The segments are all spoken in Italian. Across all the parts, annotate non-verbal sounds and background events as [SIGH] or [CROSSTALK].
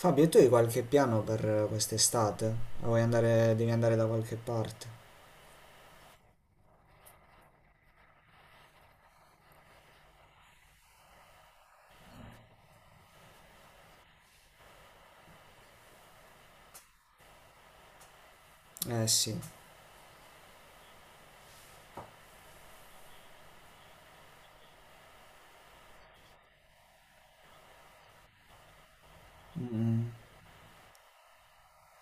Fabio, e tu hai qualche piano per quest'estate? O vuoi andare, devi andare da qualche parte? Eh sì. Mm,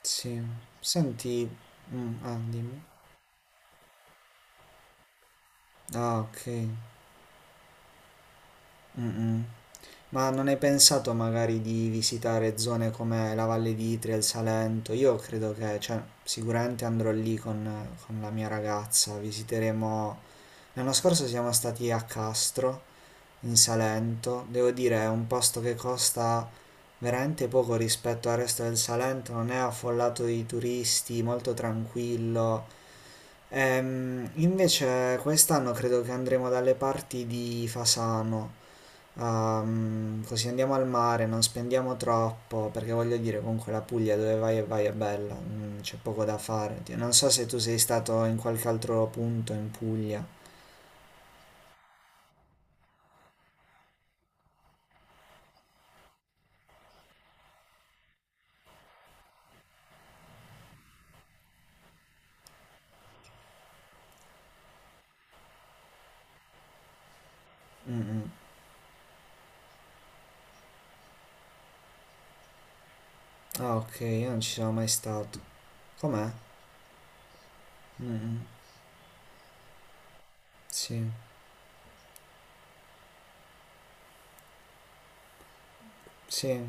sì. Senti, ah, dimmi. Ah, ok. Mm-mm. Ma non hai pensato magari di visitare zone come la Valle d'Itria, il Salento? Io credo che, cioè, sicuramente andrò lì con la mia ragazza. Visiteremo. L'anno scorso siamo stati a Castro, in Salento. Devo dire, è un posto che costa veramente poco rispetto al resto del Salento, non è affollato di turisti, molto tranquillo. Invece quest'anno credo che andremo dalle parti di Fasano, così andiamo al mare, non spendiamo troppo, perché voglio dire, comunque la Puglia dove vai e vai è bella, c'è poco da fare. Non so se tu sei stato in qualche altro punto in Puglia. Ah, ok, io non ci sono mai stato. Com'è? Mm, mm. Sì, sì,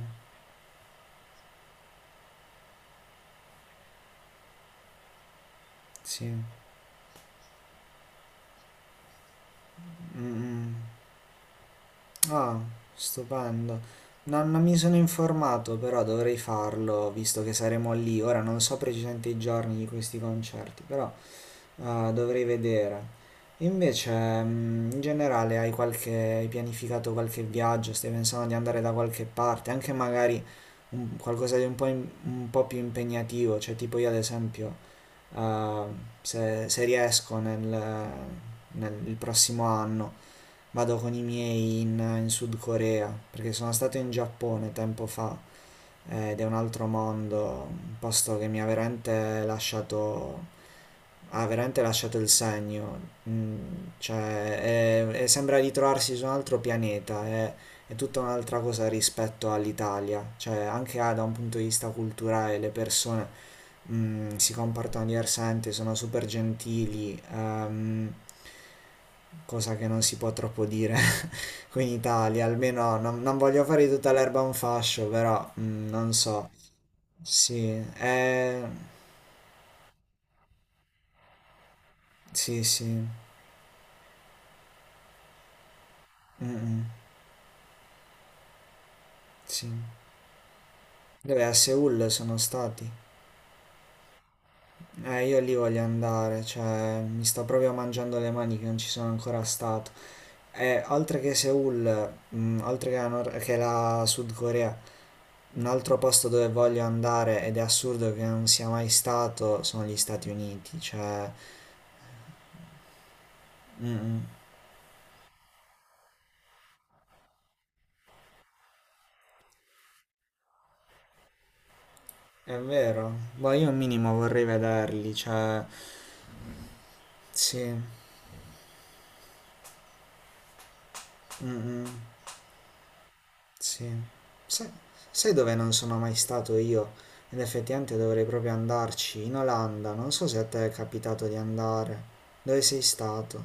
sì. Mm, mm. Ah, stupendo. Non mi sono informato, però dovrei farlo, visto che saremo lì. Ora non so precisamente i giorni di questi concerti, però dovrei vedere. Invece, in generale, hai pianificato qualche viaggio? Stai pensando di andare da qualche parte? Anche magari qualcosa di un po', un po' più impegnativo, cioè tipo io ad esempio, eh, se riesco nel nel il prossimo anno. Vado con i miei in Sud Corea, perché sono stato in Giappone tempo fa, ed è un altro mondo, un posto che mi ha veramente lasciato il segno. Mm, cioè, sembra ritrovarsi su un altro pianeta, è tutta un'altra cosa rispetto all'Italia, cioè anche, da un punto di vista culturale le persone, si comportano diversamente, sono super gentili, cosa che non si può troppo dire qui in Italia, almeno non voglio fare di tutta l'erba un fascio, però, non so. Sì, eh, sì, sì, mm, mm, sì. Dove a Seoul sono stati? Io lì voglio andare, cioè mi sto proprio mangiando le mani che non ci sono ancora stato. E oltre che Seoul, oltre che la, Nor- che la Sud Corea, un altro posto dove voglio andare ed è assurdo che non sia mai stato sono gli Stati Uniti, cioè. Mm, mm. È vero, boh, io un minimo vorrei vederli, cioè, sì, mm, mm, sì. Sai, sai dove non sono mai stato io? Ed effettivamente dovrei proprio andarci, in Olanda, non so se a te è capitato di andare. Dove sei stato?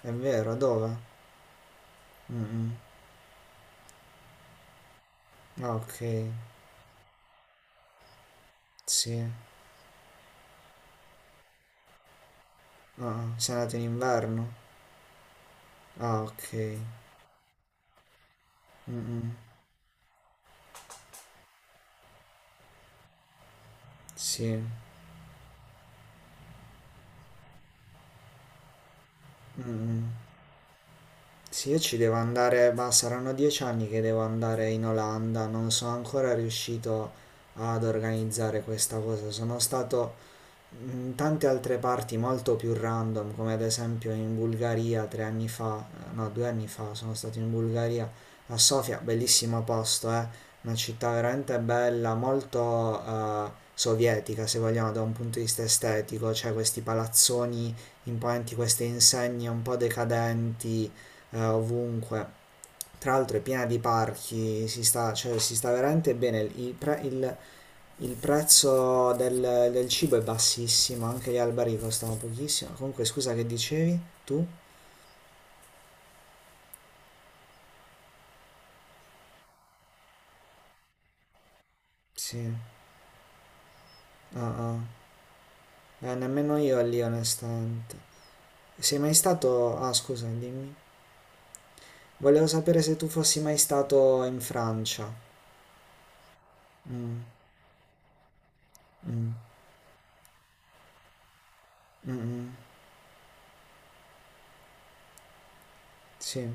È vero, dove? Mm, mm. Ah, ok, sì. Ah, sei andato in inverno? Ah, ok. Mm, mm. Sì. Mm, mm. Sì, io ci devo andare, ma saranno 10 anni che devo andare in Olanda, non sono ancora riuscito ad organizzare questa cosa. Sono stato in tante altre parti molto più random, come ad esempio in Bulgaria 3 anni fa, no, 2 anni fa sono stato in Bulgaria a Sofia, bellissimo posto, una città veramente bella, molto sovietica se vogliamo da un punto di vista estetico, cioè questi palazzoni imponenti, queste insegne un po' decadenti ovunque. Tra l'altro è piena di parchi, si sta, cioè, si sta veramente bene. Il prezzo del cibo è bassissimo, anche gli alberi costano pochissimo. Comunque, scusa, che dicevi? Tu? Sì. Ah, ah. Nemmeno io lì, onestamente. Sei mai stato. Ah, scusa, dimmi. Volevo sapere se tu fossi mai stato in Francia. Mm, mm, mm, mm. Sì.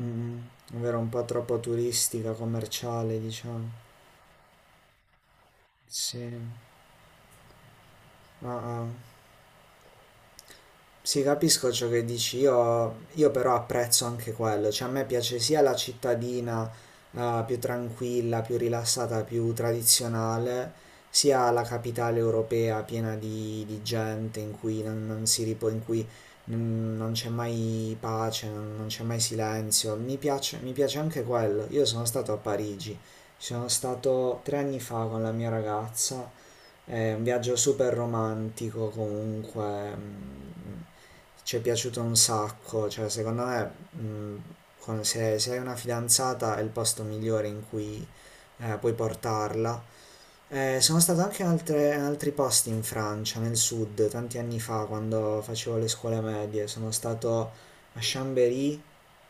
Mm, mm. Ovvero un po' troppo turistica, commerciale, diciamo. Sì. Ah, ah. Sì, capisco ciò che dici, io però apprezzo anche quello, cioè a me piace sia la cittadina, più tranquilla, più rilassata, più tradizionale, sia la capitale europea piena di gente in cui non, non si ripo, in cui, non c'è mai pace, non c'è mai silenzio, mi piace anche quello. Io sono stato a Parigi, ci sono stato 3 anni fa con la mia ragazza. È un viaggio super romantico comunque, ci è piaciuto un sacco, cioè secondo me, mm, se hai una fidanzata è il posto migliore in cui, puoi portarla. Sono stato anche in altri posti in Francia, nel sud, tanti anni fa, quando facevo le scuole medie. Sono stato a Chambéry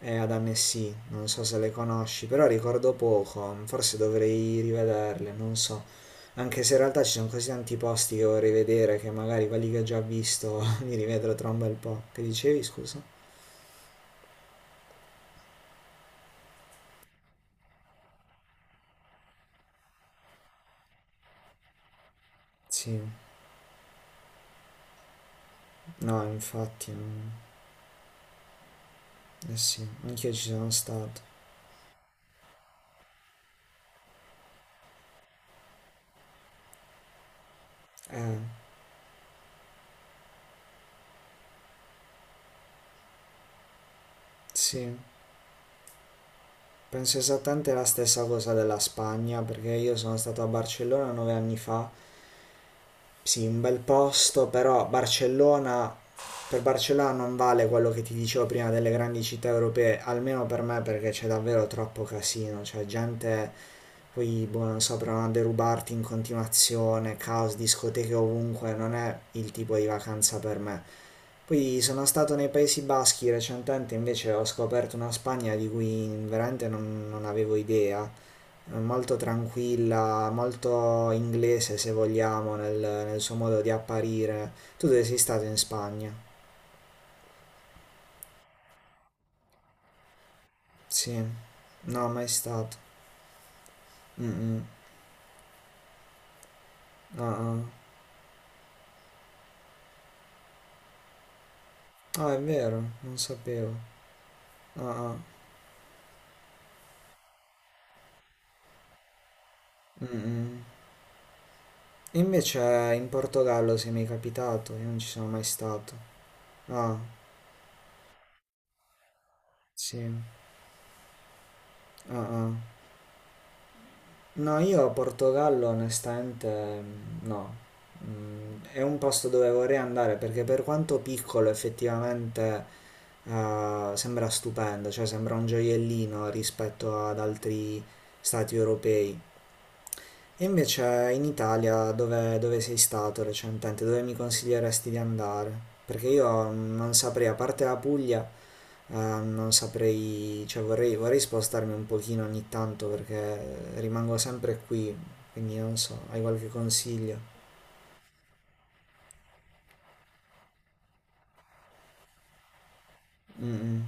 e ad Annecy, non so se le conosci, però ricordo poco, forse dovrei rivederle, non so. Anche se in realtà ci sono così tanti posti che vorrei vedere che magari quelli che ho già visto [LAUGHS] li rivedrò tra un bel po'. Che dicevi, scusa? Sì, no, infatti, eh sì, anch'io ci sono stato. Eh, sì. Penso esattamente la stessa cosa della Spagna, perché io sono stato a Barcellona 9 anni fa. Sì, un bel posto, però Barcellona, per Barcellona non vale quello che ti dicevo prima delle grandi città europee, almeno per me, perché c'è davvero troppo casino, cioè gente, poi, boh, non so, provano a derubarti in continuazione, caos, discoteche ovunque, non è il tipo di vacanza per me. Poi sono stato nei Paesi Baschi recentemente, invece ho scoperto una Spagna di cui veramente non avevo idea, molto tranquilla, molto inglese se vogliamo nel suo modo di apparire. Tu dove sei stato in Spagna? Sì, no, mai stato. Mm-mm. Ah, ah. Ah, è vero, non sapevo. Ah, ah. Mm-mm. Invece in Portogallo sei mai capitato, io non ci sono mai stato. Ah, sì. Ah, ah. No, io Portogallo onestamente, no. È un posto dove vorrei andare perché per quanto piccolo effettivamente sembra stupendo, cioè sembra un gioiellino rispetto ad altri stati europei. E invece in Italia dove sei stato recentemente? Dove mi consiglieresti di andare? Perché io non saprei, a parte la Puglia, non saprei, cioè vorrei spostarmi un pochino ogni tanto perché rimango sempre qui, quindi non so, hai qualche consiglio? Mm, mm,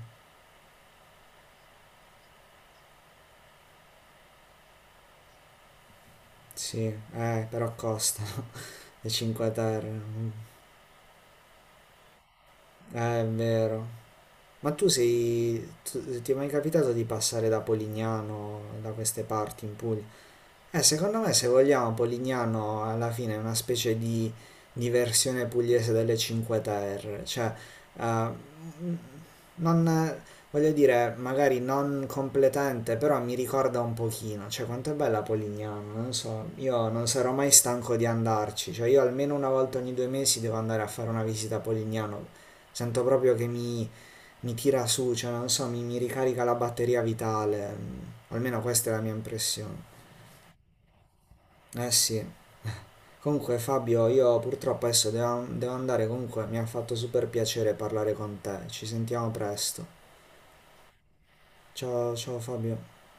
sì, però costano [LAUGHS] le Cinque Terre. Mm. È vero. Ma ti è mai capitato di passare da Polignano, da queste parti in Puglia? Secondo me se vogliamo Polignano alla fine è una specie di versione pugliese delle Cinque Terre, cioè, eh, non, voglio dire, magari non completamente, però mi ricorda un pochino, cioè quanto è bella Polignano, non so, io non sarò mai stanco di andarci, cioè io almeno una volta ogni 2 mesi devo andare a fare una visita a Polignano, sento proprio che mi tira su, cioè non so, mi ricarica la batteria vitale, almeno questa è la mia impressione. Eh sì. [LAUGHS] Comunque Fabio, io purtroppo adesso devo andare, comunque mi ha fatto super piacere parlare con te. Ci sentiamo presto. Ciao, ciao Fabio.